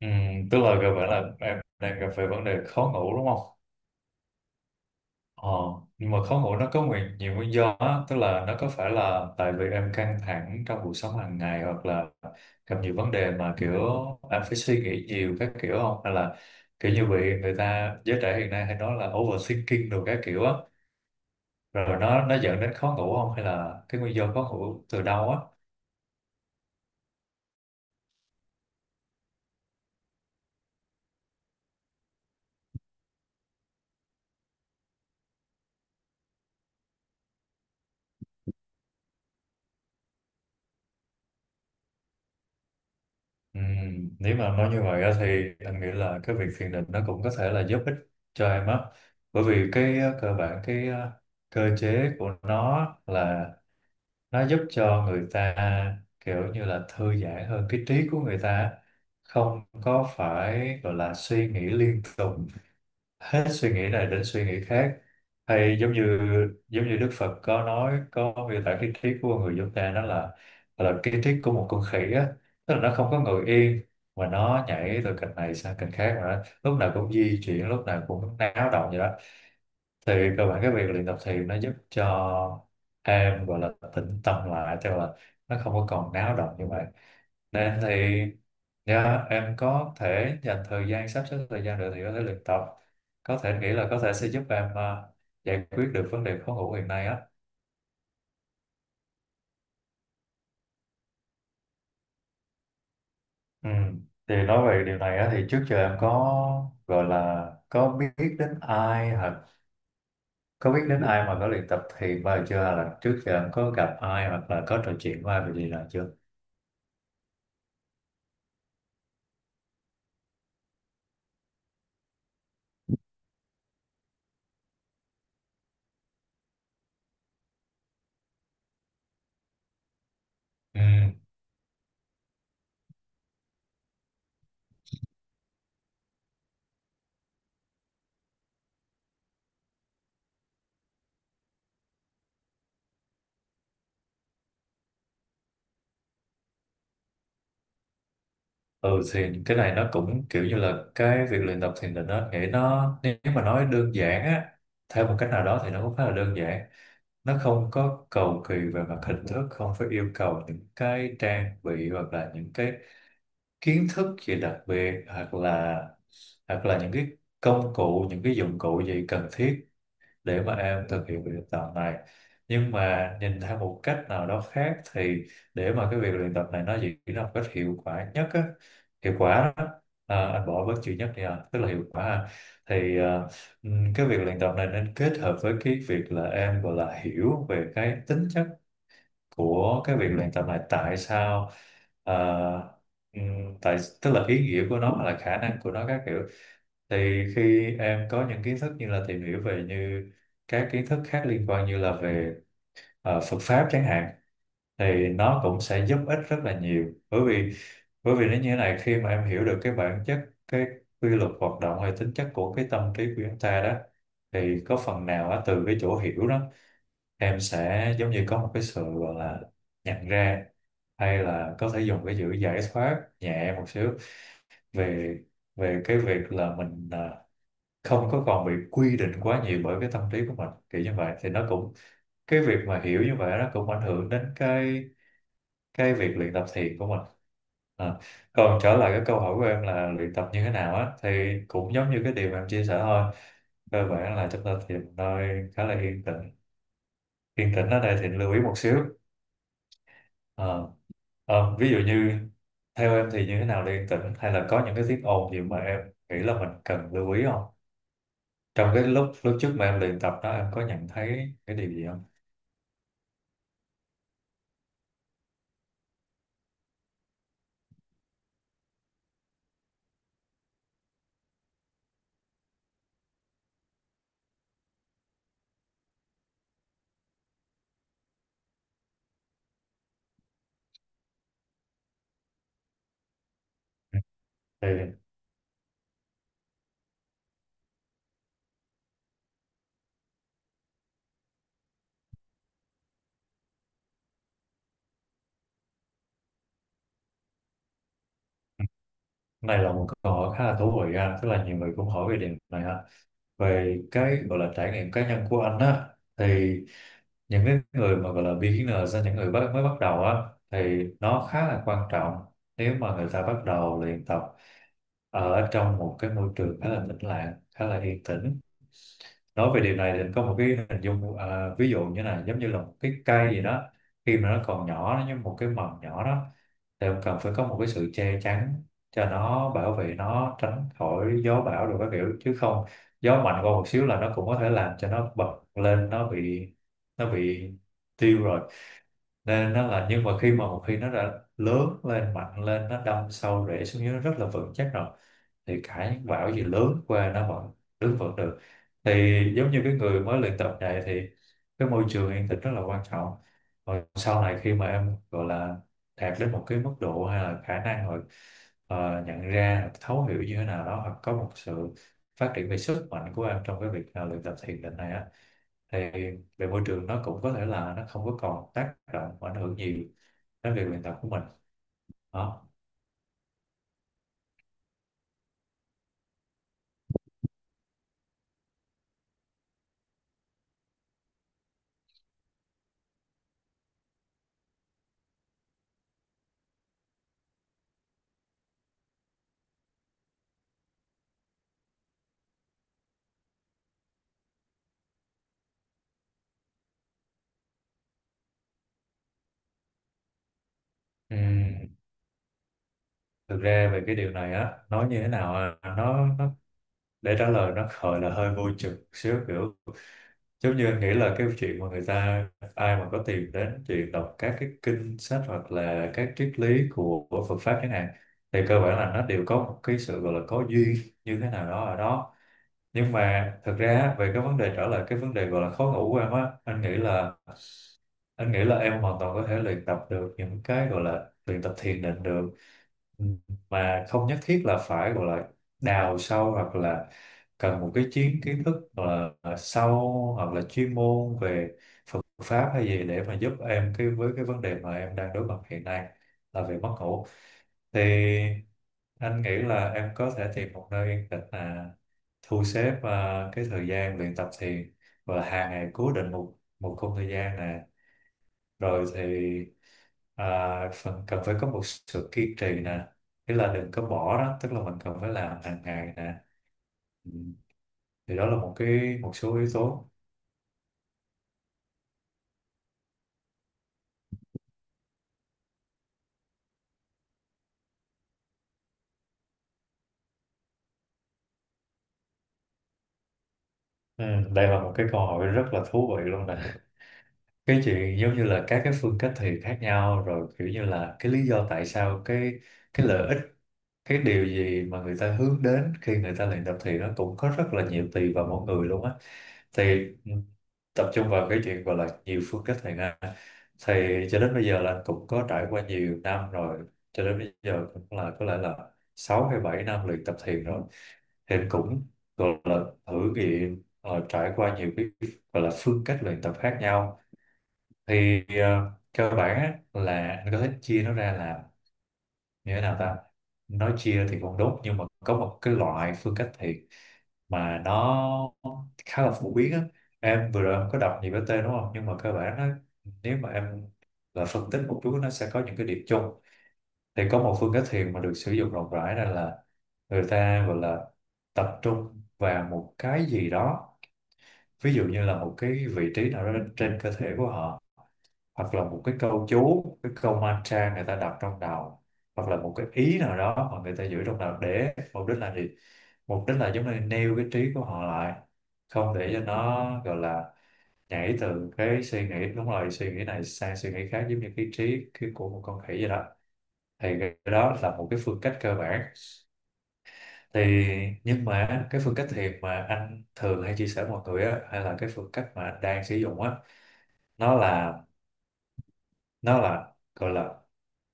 Ừ, tức là gặp bạn là em đang gặp phải vấn đề khó ngủ đúng không? Ờ, nhưng mà khó ngủ nó có nhiều nguyên do á, tức là nó có phải là tại vì em căng thẳng trong cuộc sống hàng ngày hoặc là gặp nhiều vấn đề mà kiểu em phải suy nghĩ nhiều các kiểu không? Hay là kiểu như bị người ta giới trẻ hiện nay hay nói là overthinking đồ các kiểu á, rồi nó dẫn đến khó ngủ không? Hay là cái nguyên do khó ngủ từ đâu á? Ừ, nếu mà nói như vậy á thì anh nghĩ là cái việc thiền định nó cũng có thể là giúp ích cho em á, bởi vì cơ bản cơ chế của nó là nó giúp cho người ta kiểu như là thư giãn hơn cái trí của người ta, không có phải gọi là suy nghĩ liên tục, hết suy nghĩ này đến suy nghĩ khác, hay giống như Đức Phật có nói, có miêu tả cái triết của người chúng ta đó là cái triết của một con khỉ á, tức là nó không có ngồi yên mà nó nhảy từ cành này sang cành khác, mà nó lúc nào cũng di chuyển, lúc nào cũng náo động vậy đó. Thì cơ bản cái việc luyện tập thiền nó giúp cho em gọi là tĩnh tâm lại, tức là nó không có còn náo động như vậy nên thì yeah, em có thể dành thời gian, sắp xếp thời gian được thì có thể luyện tập, có thể nghĩ là có thể sẽ giúp em giải quyết được vấn đề khó ngủ hiện nay á. Ừ. Thì nói về điều này á, thì trước giờ em có gọi là có biết đến ai, hoặc có biết đến ai mà có luyện tập thiền bao giờ chưa, hay là trước giờ em có gặp ai hoặc là có trò chuyện với ai về điều này chưa? Ừ. Ừ, thì cái này nó cũng kiểu như là cái việc luyện tập thiền định nó nghĩa nó nếu mà nói đơn giản á, theo một cách nào đó thì nó cũng khá là đơn giản, nó không có cầu kỳ về mặt hình thức, không phải yêu cầu những cái trang bị hoặc là những cái kiến thức gì đặc biệt, hoặc là những cái công cụ, những cái dụng cụ gì cần thiết để mà em thực hiện việc luyện tập này. Nhưng mà nhìn theo một cách nào đó khác thì để mà cái việc luyện tập này nó diễn ra một cách hiệu quả nhất á, hiệu quả đó. À, anh bỏ bớt chữ nhất đi à, tức là hiệu quả ha. Thì cái việc luyện tập này nên kết hợp với cái việc là em gọi là hiểu về cái tính chất của cái việc luyện tập này, tại sao à, tại tức là ý nghĩa của nó hoặc là khả năng của nó các kiểu. Thì khi em có những kiến thức như là tìm hiểu về như các kiến thức khác liên quan như là về Phật pháp chẳng hạn, thì nó cũng sẽ giúp ích rất là nhiều, bởi vì nó như thế này, khi mà em hiểu được cái bản chất, cái quy luật hoạt động hay tính chất của cái tâm trí của chúng ta đó, thì có phần nào á, từ cái chỗ hiểu đó em sẽ giống như có một cái sự gọi là nhận ra, hay là có thể dùng cái chữ giải thoát nhẹ một xíu về về cái việc là mình không có còn bị quy định quá nhiều bởi cái tâm trí của mình, kiểu như vậy thì nó cũng, cái việc mà hiểu như vậy nó cũng ảnh hưởng đến cái việc luyện tập thiền của mình. À, còn trở lại cái câu hỏi của em là luyện tập như thế nào á, thì cũng giống như cái điều mà em chia sẻ thôi, cơ bản là chúng ta tìm nơi khá là yên tĩnh. Yên tĩnh ở đây thì lưu ý một xíu. Ờ, Ví dụ như theo em thì như thế nào là yên tĩnh, hay là có những cái tiếng ồn gì mà em nghĩ là mình cần lưu ý không, trong cái lúc lúc trước mà em luyện tập đó em có nhận thấy cái điều gì không? Thì này là một câu hỏi khá là thú vị ha, tức là nhiều người cũng hỏi về điểm này ha. Về cái gọi là trải nghiệm cá nhân của anh á, thì những cái người mà gọi là beginner ra, những người mới bắt đầu á, thì nó khá là quan trọng nếu mà người ta bắt đầu luyện tập ở trong một cái môi trường khá là tĩnh lặng, khá là yên tĩnh. Nói về điều này thì anh có một cái hình dung à, ví dụ như này, giống như là một cái cây gì đó, khi mà nó còn nhỏ, nó như một cái mầm nhỏ đó, thì ông cần phải có một cái sự che chắn cho nó, bảo vệ nó tránh khỏi gió bão rồi các kiểu, chứ không gió mạnh qua một xíu là nó cũng có thể làm cho nó bật lên, nó bị tiêu rồi. Nên nó là, nhưng mà khi mà một khi nó đã lớn lên, mạnh lên, nó đâm sâu rễ xuống dưới, nó rất là vững chắc rồi, thì cả những bão gì lớn qua nó vẫn đứng vững được. Thì giống như cái người mới luyện tập này thì cái môi trường yên tĩnh rất là quan trọng. Rồi sau này khi mà em gọi là đạt đến một cái mức độ hay là khả năng rồi, nhận ra, thấu hiểu như thế nào đó, hoặc có một sự phát triển về sức mạnh của em trong cái việc luyện tập thiền định này á, thì về môi trường nó cũng có thể là nó không có còn tác động và ảnh hưởng nhiều đến việc luyện tập của mình đó. Ừm, thực ra về cái điều này á, nói như thế nào à, nó để trả lời nó gọi là hơi vô chừng xíu, kiểu giống như anh nghĩ là cái chuyện mà người ta, ai mà có tìm đến chuyện đọc các cái kinh sách hoặc là các triết lý của Phật pháp chẳng hạn, thì cơ bản là nó đều có một cái sự gọi là có duyên như thế nào đó ở đó. Nhưng mà thực ra á, về cái vấn đề, trở lại cái vấn đề gọi là khó ngủ của em á, anh nghĩ là em hoàn toàn có thể luyện tập được những cái gọi là luyện tập thiền định được. Ừ, mà không nhất thiết là phải gọi là đào sâu, hoặc là cần một cái chiến kiến thức gọi là sâu hoặc là chuyên môn về Phật pháp hay gì để mà giúp em cái với cái vấn đề mà em đang đối mặt hiện nay là về mất ngủ. Thì anh nghĩ là em có thể tìm một nơi yên tĩnh, là thu xếp cái thời gian luyện tập thiền, và hàng ngày cố định một một khung thời gian, rồi thì phần cần phải có một sự kiên trì nè, tức là đừng có bỏ đó, tức là mình cần phải làm hàng ngày nè. Ừ. Thì đó là một cái một số yếu tố. ừ, Đây là một cái câu hỏi rất là thú vị luôn nè. Cái chuyện giống như là các cái phương cách thiền khác nhau, rồi kiểu như là cái lý do tại sao cái lợi ích, cái điều gì mà người ta hướng đến khi người ta luyện tập thiền, nó cũng có rất là nhiều, tùy vào mỗi người luôn á. Thì tập trung vào cái chuyện gọi là nhiều phương cách thầy ha. Thầy cho đến bây giờ là anh cũng có trải qua nhiều năm rồi, cho đến bây giờ cũng là có lẽ là 6 hay 7 năm luyện tập thiền rồi. Thì anh cũng gọi là thử nghiệm, trải qua nhiều cái gọi là phương cách luyện tập khác nhau. Thì cơ bản á, là anh có thể chia nó ra là như thế nào ta. Nói chia thì cũng đúng, nhưng mà có một cái loại phương cách thiền mà nó khá là phổ biến á. Em vừa rồi em có đọc nhiều cái tên đúng không, nhưng mà cơ bản nó, nếu mà em là phân tích một chút, nó sẽ có những cái điểm chung. Thì có một phương cách thiền mà được sử dụng rộng rãi này là người ta gọi là tập trung vào một cái gì đó, ví dụ như là một cái vị trí nào đó trên cơ thể của họ, hoặc là một cái câu chú, cái câu mantra người ta đọc trong đầu, hoặc là một cái ý nào đó mà người ta giữ trong đầu, để mục đích là gì? Mục đích là giống như nêu cái trí của họ lại, không để cho nó gọi là nhảy từ cái suy nghĩ đúng rồi suy nghĩ này sang suy nghĩ khác, giống như cái trí cái của một con khỉ vậy đó. Thì cái đó là một cái phương cách cơ bản. Thì nhưng mà cái phương cách thiền mà anh thường hay chia sẻ mọi người á, hay là cái phương cách mà anh đang sử dụng á, nó là nó là gọi là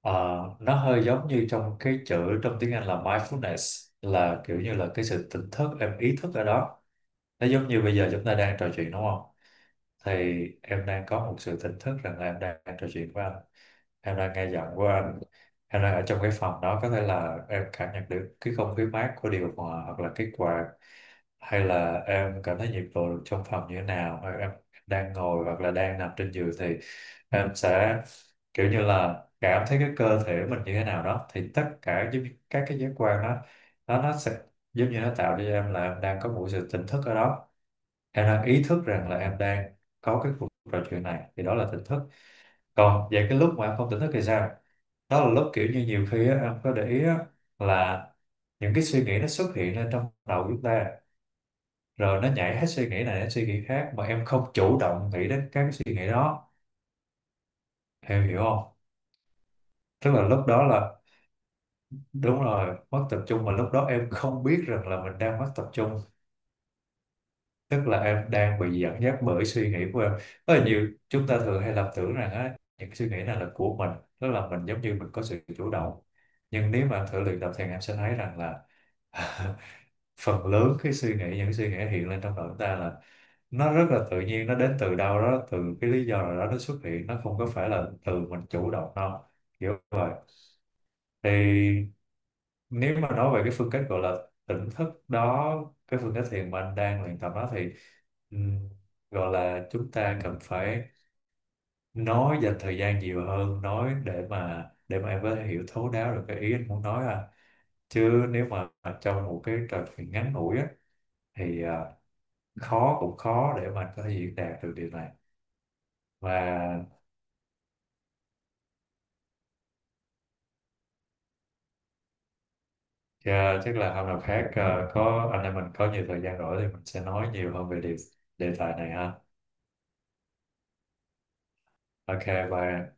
ờ, nó hơi giống như trong cái chữ trong tiếng Anh là mindfulness, là kiểu như là cái sự tỉnh thức, em ý thức ở đó. Nó giống như bây giờ chúng ta đang trò chuyện đúng không, thì em đang có một sự tỉnh thức rằng là em đang trò chuyện với anh, em đang nghe giọng của anh, em đang ở trong cái phòng đó, có thể là em cảm nhận được cái không khí mát của điều hòa hoặc là cái quạt, hay là em cảm thấy nhiệt độ trong phòng như thế nào, hay em đang ngồi hoặc là đang nằm trên giường, thì em sẽ kiểu như là cảm thấy cái cơ thể mình như thế nào đó. Thì tất cả giống như các cái giác quan đó, nó sẽ giống như nó tạo cho em là em đang có một sự tỉnh thức ở đó, em đang ý thức rằng là em đang có cái cuộc trò chuyện này, thì đó là tỉnh thức. Còn về cái lúc mà em không tỉnh thức thì sao? Đó là lúc kiểu như nhiều khi á, em có để ý á, là những cái suy nghĩ nó xuất hiện lên trong đầu chúng ta, rồi nó nhảy hết suy nghĩ này đến suy nghĩ khác mà em không chủ động nghĩ đến các cái suy nghĩ đó. Em hiểu không? Tức là lúc đó là đúng rồi, mất tập trung, mà lúc đó em không biết rằng là mình đang mất tập trung. Tức là em đang bị dẫn dắt bởi suy nghĩ của em. Rất là nhiều chúng ta thường hay lầm tưởng rằng á những suy nghĩ này là của mình, tức là mình giống như mình có sự chủ động. Nhưng nếu mà thử luyện tập thì em sẽ thấy rằng là phần lớn cái suy nghĩ những suy nghĩ hiện lên trong đầu chúng ta là nó rất là tự nhiên, nó đến từ đâu đó, từ cái lý do nào đó nó xuất hiện, nó không có phải là từ mình chủ động đâu, kiểu vậy. Thì nếu mà nói về cái phương cách gọi là tỉnh thức đó, cái phương cách thiền mà anh đang luyện tập đó thì ừm, gọi là chúng ta cần phải nói dành thời gian nhiều hơn nói để mà em có thể hiểu thấu đáo được cái ý anh muốn nói à. Chứ nếu mà trong một cái trò chuyện ngắn ngủi á, thì khó cũng khó để mà có thể diễn đạt được điều này. Và chắc là hôm nào khác, à, có anh em mình có nhiều thời gian rỗi thì mình sẽ nói nhiều hơn về điều đề tài này ha. OK, bye.